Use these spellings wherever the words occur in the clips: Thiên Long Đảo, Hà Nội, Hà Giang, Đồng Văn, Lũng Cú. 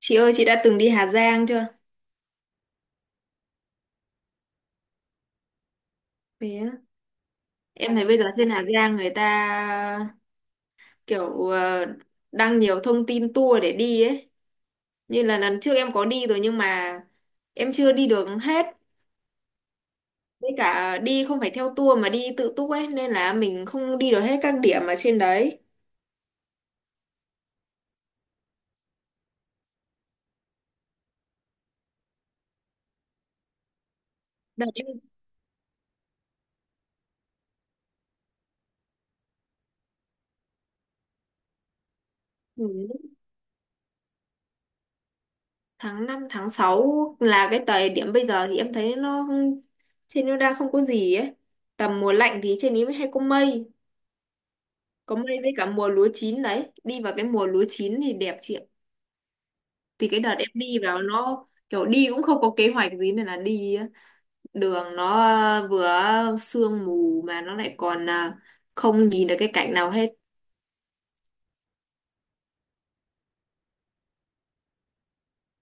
Chị ơi, chị đã từng đi Hà Giang chưa? Thế á. Em thấy bây giờ trên Hà Giang người ta kiểu đăng nhiều thông tin tour để đi ấy. Như là lần trước em có đi rồi nhưng mà em chưa đi được hết. Với cả đi không phải theo tour mà đi tự túc ấy nên là mình không đi được hết các điểm ở trên đấy. Đợt em ừ, Tháng 5 tháng 6 là cái thời điểm bây giờ thì em thấy nó trên nó đang không có gì ấy. Tầm mùa lạnh thì trên ý mới hay có mây. Có may với cả mùa lúa chín đấy, đi vào cái mùa lúa chín thì đẹp chị ạ. Thì cái đợt em đi vào nó kiểu đi cũng không có kế hoạch gì nên là đi á. Đường nó vừa sương mù mà nó lại còn không nhìn được cái cảnh nào hết.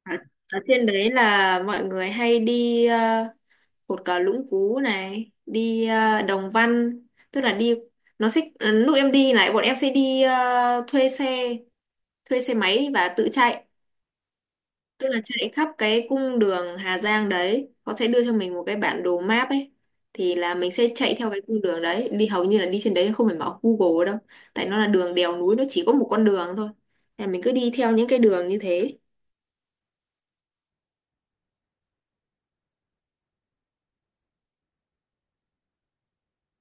ở, Ở trên đấy là mọi người hay đi cột cờ Lũng Cú này, đi Đồng Văn, tức là đi nó sẽ lúc em đi này bọn em sẽ đi thuê xe máy và tự chạy, tức là chạy khắp cái cung đường Hà Giang đấy. Họ sẽ đưa cho mình một cái bản đồ map ấy thì là mình sẽ chạy theo cái cung đường đấy đi, hầu như là đi trên đấy không phải mở Google đâu, tại nó là đường đèo núi nó chỉ có một con đường thôi. Nên là mình cứ đi theo những cái đường như thế.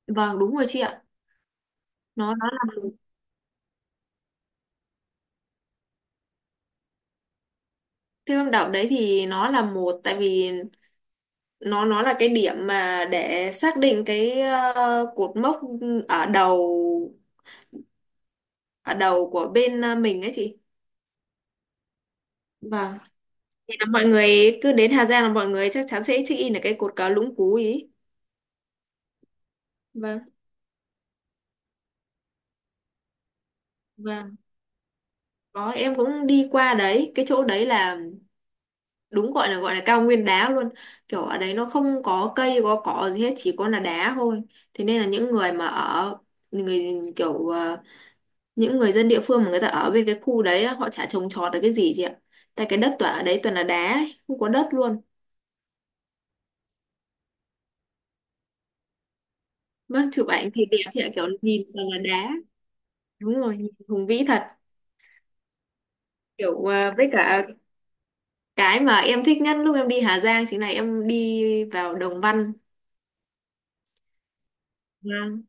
Vâng, đúng rồi chị ạ. nó nó là- Thiên Long Đảo đấy thì nó là một, tại vì nó là cái điểm mà để xác định cái cột mốc ở đầu, của bên mình ấy chị. Vâng. Thì là mọi người cứ đến Hà Giang là mọi người chắc chắn sẽ check in ở cái cột cờ Lũng Cú ý. Vâng, vâng. Có, em cũng đi qua đấy, cái chỗ đấy là đúng gọi là cao nguyên đá luôn. Kiểu ở đấy nó không có cây, có cỏ gì hết, chỉ có là đá thôi. Thế nên là những người mà ở người kiểu ờ, những người dân địa phương mà người ta ở bên cái khu đấy á, họ chả trồng trọt được cái gì chị ạ. Tại cái đất toàn ở đấy toàn là đá, ấy, không có đất luôn. Vâng, chụp ảnh thì đẹp chị ạ, kiểu nhìn toàn là đá. Đúng rồi, nhìn hùng vĩ thật. Kiểu với cả cái mà em thích nhất lúc em đi Hà Giang chính là em đi vào Đồng Văn. Vâng.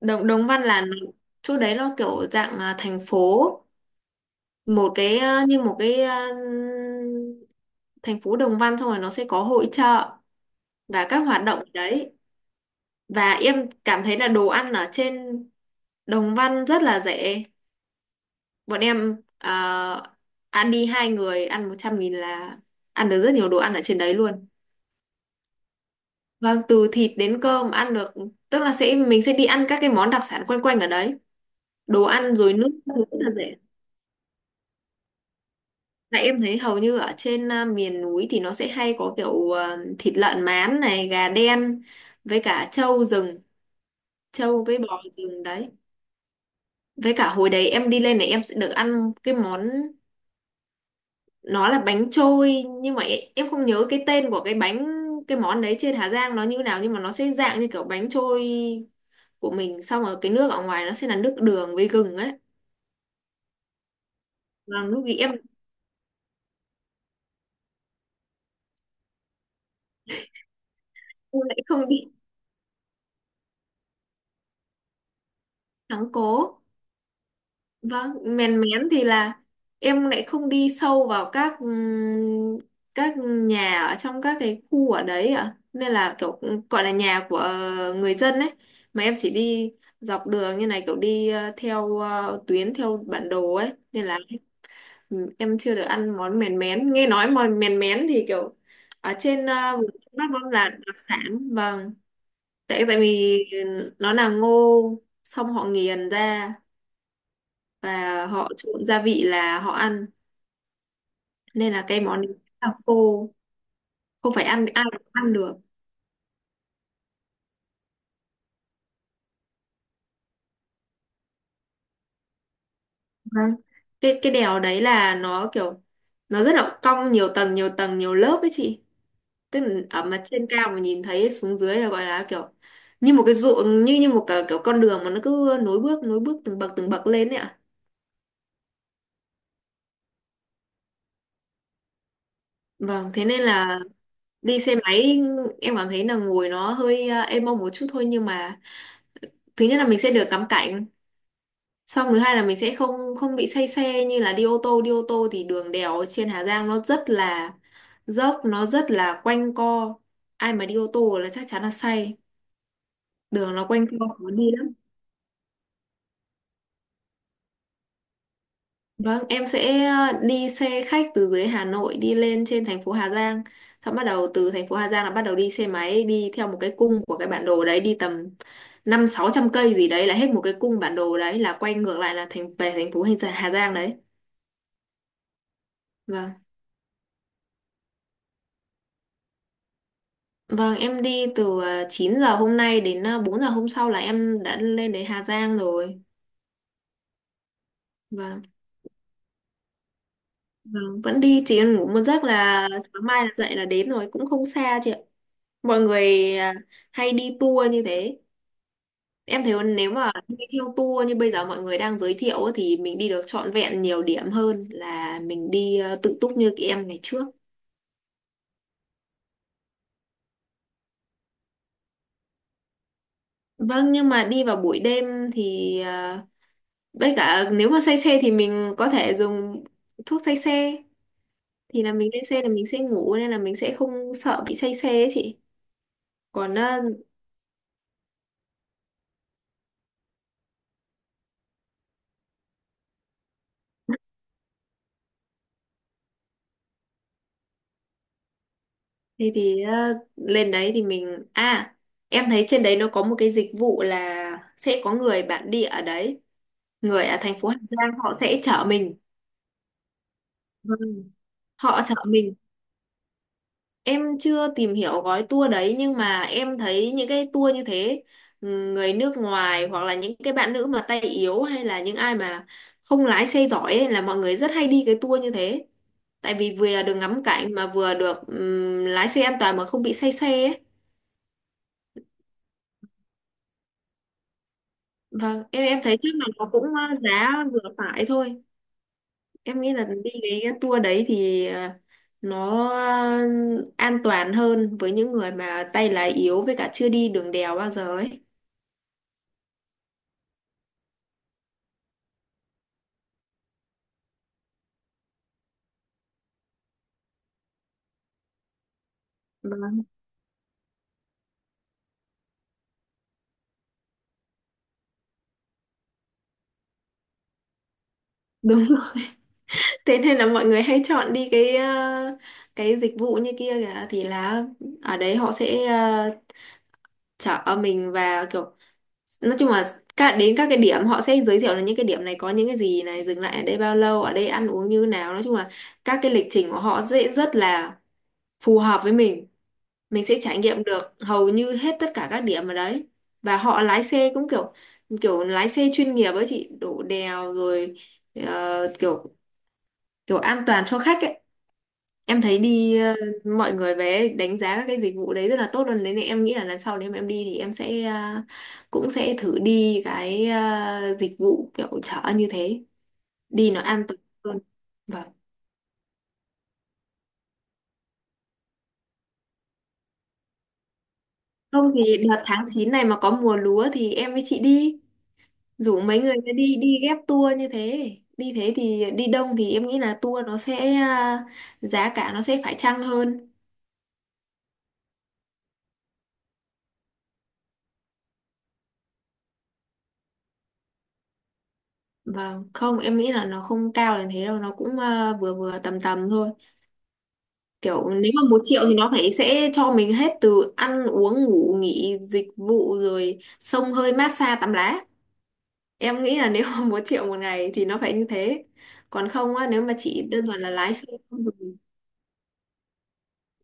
Đồng Đồng Văn là chỗ đấy nó kiểu dạng là thành phố, như một cái thành phố Đồng Văn, xong rồi nó sẽ có hội chợ và các hoạt động ở đấy. Và em cảm thấy là đồ ăn ở trên Đồng Văn rất là rẻ. Bọn em ăn đi hai người ăn 100.000 là ăn được rất nhiều đồ ăn ở trên đấy luôn. Vâng, từ thịt đến cơm ăn được, tức là mình sẽ đi ăn các cái món đặc sản quanh quanh ở đấy, đồ ăn rồi nước các thứ rất là rẻ. Tại em thấy hầu như ở trên miền núi thì nó sẽ hay có kiểu thịt lợn mán này, gà đen với cả trâu rừng, trâu với bò rừng đấy. Với cả hồi đấy em đi lên này em sẽ được ăn cái món nó là bánh trôi nhưng mà em không nhớ cái tên của cái bánh, cái món đấy trên Hà Giang nó như nào, nhưng mà nó sẽ dạng như kiểu bánh trôi của mình, xong rồi cái nước ở ngoài nó sẽ là nước đường với gừng ấy. Và lúc ý em lại không đi thắng cố. Vâng. Mèn mén thì là em lại không đi sâu vào các nhà ở trong các cái khu ở đấy ạ, nên là kiểu gọi là nhà của người dân ấy, mà em chỉ đi dọc đường như này kiểu đi theo tuyến theo bản đồ ấy, nên là em chưa được ăn món mèn mén. Nghe nói món mèn mén thì kiểu ở trên miền Bắc nó là đặc sản, vâng, tại tại vì nó là ngô xong họ nghiền ra và họ trộn gia vị là họ ăn, nên là cái món đấy là khô, không phải ăn ai cũng ăn được. Vâng. Cái đèo đấy là nó kiểu nó rất là cong, nhiều tầng nhiều tầng nhiều lớp ấy chị, tức là ở mặt trên cao mà nhìn thấy xuống dưới là gọi là kiểu như một cái ruộng, như như một cái, kiểu con đường mà nó cứ nối bước nối bước, từng bậc lên ấy ạ. Vâng, thế nên là đi xe máy em cảm thấy là ngồi nó hơi êm mông một chút thôi, nhưng mà thứ nhất là mình sẽ được ngắm cảnh, xong thứ hai là mình sẽ không không bị say xe như là đi ô tô. Đi ô tô thì đường đèo trên Hà Giang nó rất là dốc, nó rất là quanh co. Ai mà đi ô tô là chắc chắn là say, đường nó quanh co khó đi lắm. Vâng, em sẽ đi xe khách từ dưới Hà Nội đi lên trên thành phố Hà Giang. Xong bắt đầu từ thành phố Hà Giang là bắt đầu đi xe máy đi theo một cái cung của cái bản đồ đấy, đi tầm 500-600 cây gì đấy là hết một cái cung bản đồ đấy, là quay ngược lại là thành về thành phố Hình Hà Giang đấy. Vâng. Vâng, em đi từ 9 giờ hôm nay đến 4 giờ hôm sau là em đã lên đến Hà Giang rồi. Vâng. Vâng, vẫn đi chỉ cần ngủ một giấc là sáng mai là dậy là đến rồi, cũng không xa chị ạ. Mọi người hay đi tour như thế. Em thấy nếu mà đi theo tour như bây giờ mọi người đang giới thiệu ấy, thì mình đi được trọn vẹn nhiều điểm hơn là mình đi tự túc như các em ngày trước. Vâng, nhưng mà đi vào buổi đêm thì với cả nếu mà say xe thì mình có thể dùng thuốc say xe, thì là mình lên xe là mình sẽ ngủ nên là mình sẽ không sợ bị say xe ấy chị. Còn ờ, lên đấy thì mình à em thấy trên đấy nó có một cái dịch vụ là sẽ có người bản địa ở đấy, người ở thành phố Hà Giang họ sẽ chở mình. Vâng. Họ chở mình, em chưa tìm hiểu gói tour đấy, nhưng mà em thấy những cái tour như thế ừ, người nước ngoài hoặc là những cái bạn nữ mà tay yếu hay là những ai mà không lái xe giỏi ấy, là mọi người rất hay đi cái tour như thế, tại vì vừa được ngắm cảnh mà vừa được lái xe an toàn mà không bị say xe ấy. Vâng, em thấy chắc là nó cũng giá vừa phải thôi. Em nghĩ là đi cái tour đấy thì nó an toàn hơn với những người mà tay lái yếu, với cả chưa đi đường đèo bao giờ ấy. Vâng. Đúng rồi. Thế nên là mọi người hay chọn đi cái dịch vụ như kia kìa, thì là ở đấy họ sẽ chở mình, và kiểu nói chung là cả đến các cái điểm họ sẽ giới thiệu là những cái điểm này có những cái gì này, dừng lại ở đây bao lâu, ở đây ăn uống như nào, nói chung là các cái lịch trình của họ dễ rất là phù hợp với mình sẽ trải nghiệm được hầu như hết tất cả các điểm ở đấy. Và họ lái xe cũng kiểu kiểu lái xe chuyên nghiệp ấy chị, đổ đèo rồi kiểu kiểu an toàn cho khách ấy. Em thấy đi mọi người về đánh giá các cái dịch vụ đấy rất là tốt luôn đấy, nên em nghĩ là lần sau nếu mà em đi thì em sẽ cũng sẽ thử đi cái dịch vụ kiểu chở như thế, đi nó an toàn hơn. Vâng, không thì đợt tháng 9 này mà có mùa lúa thì em với chị đi, rủ mấy người ra đi đi ghép tour như thế đi, thế thì đi đông thì em nghĩ là tour nó sẽ giá cả nó sẽ phải chăng hơn. Vâng, không, em nghĩ là nó không cao đến thế đâu, nó cũng vừa vừa tầm tầm thôi. Kiểu nếu mà 1 triệu thì nó phải sẽ cho mình hết từ ăn uống ngủ nghỉ dịch vụ rồi xông hơi massage tắm lá, em nghĩ là nếu mà một triệu một ngày thì nó phải như thế, còn không á nếu mà chỉ đơn thuần là lái xe.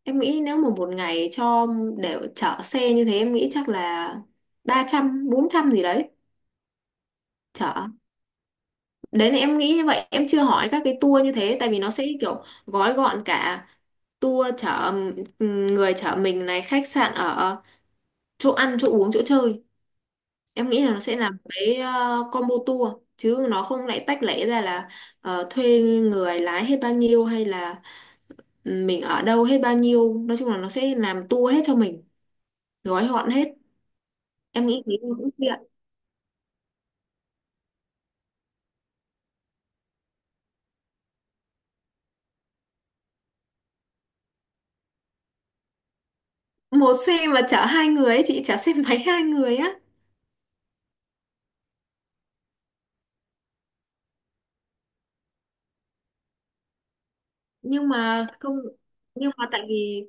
Em nghĩ nếu mà một ngày cho để chở xe như thế, em nghĩ chắc là 300-400 gì đấy. Chở. Đấy là em nghĩ như vậy. Em chưa hỏi các cái tour như thế tại vì nó sẽ kiểu gói gọn cả tour chở, người chở mình này, khách sạn ở, chỗ ăn, chỗ uống, chỗ chơi. Em nghĩ là nó sẽ là một cái combo tour, chứ nó không lại tách lẻ ra là thuê người lái hết bao nhiêu hay là mình ở đâu hết bao nhiêu. Nói chung là nó sẽ làm tour hết cho mình, gói gọn hết. Em nghĩ nghĩ em cũng tiện một xe mà chở hai người ấy chị, chở xe máy hai người á. Nhưng mà không, nhưng mà tại vì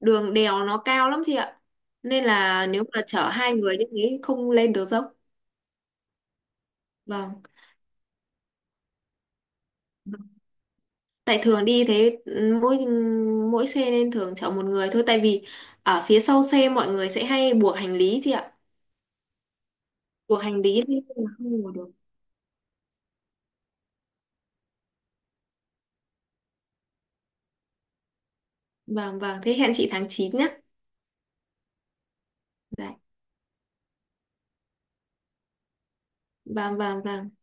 đường đèo nó cao lắm chị ạ, nên là nếu mà chở hai người như thế không lên được dốc. Vâng, tại thường đi thế mỗi mỗi xe nên thường chở một người thôi, tại vì ở phía sau xe mọi người sẽ hay buộc hành lý chị ạ, buộc hành lý nên là không ngồi được. Vâng, vâng, thế hẹn chị tháng 9 nhé. Dạ. Vâng, vâng, vâng.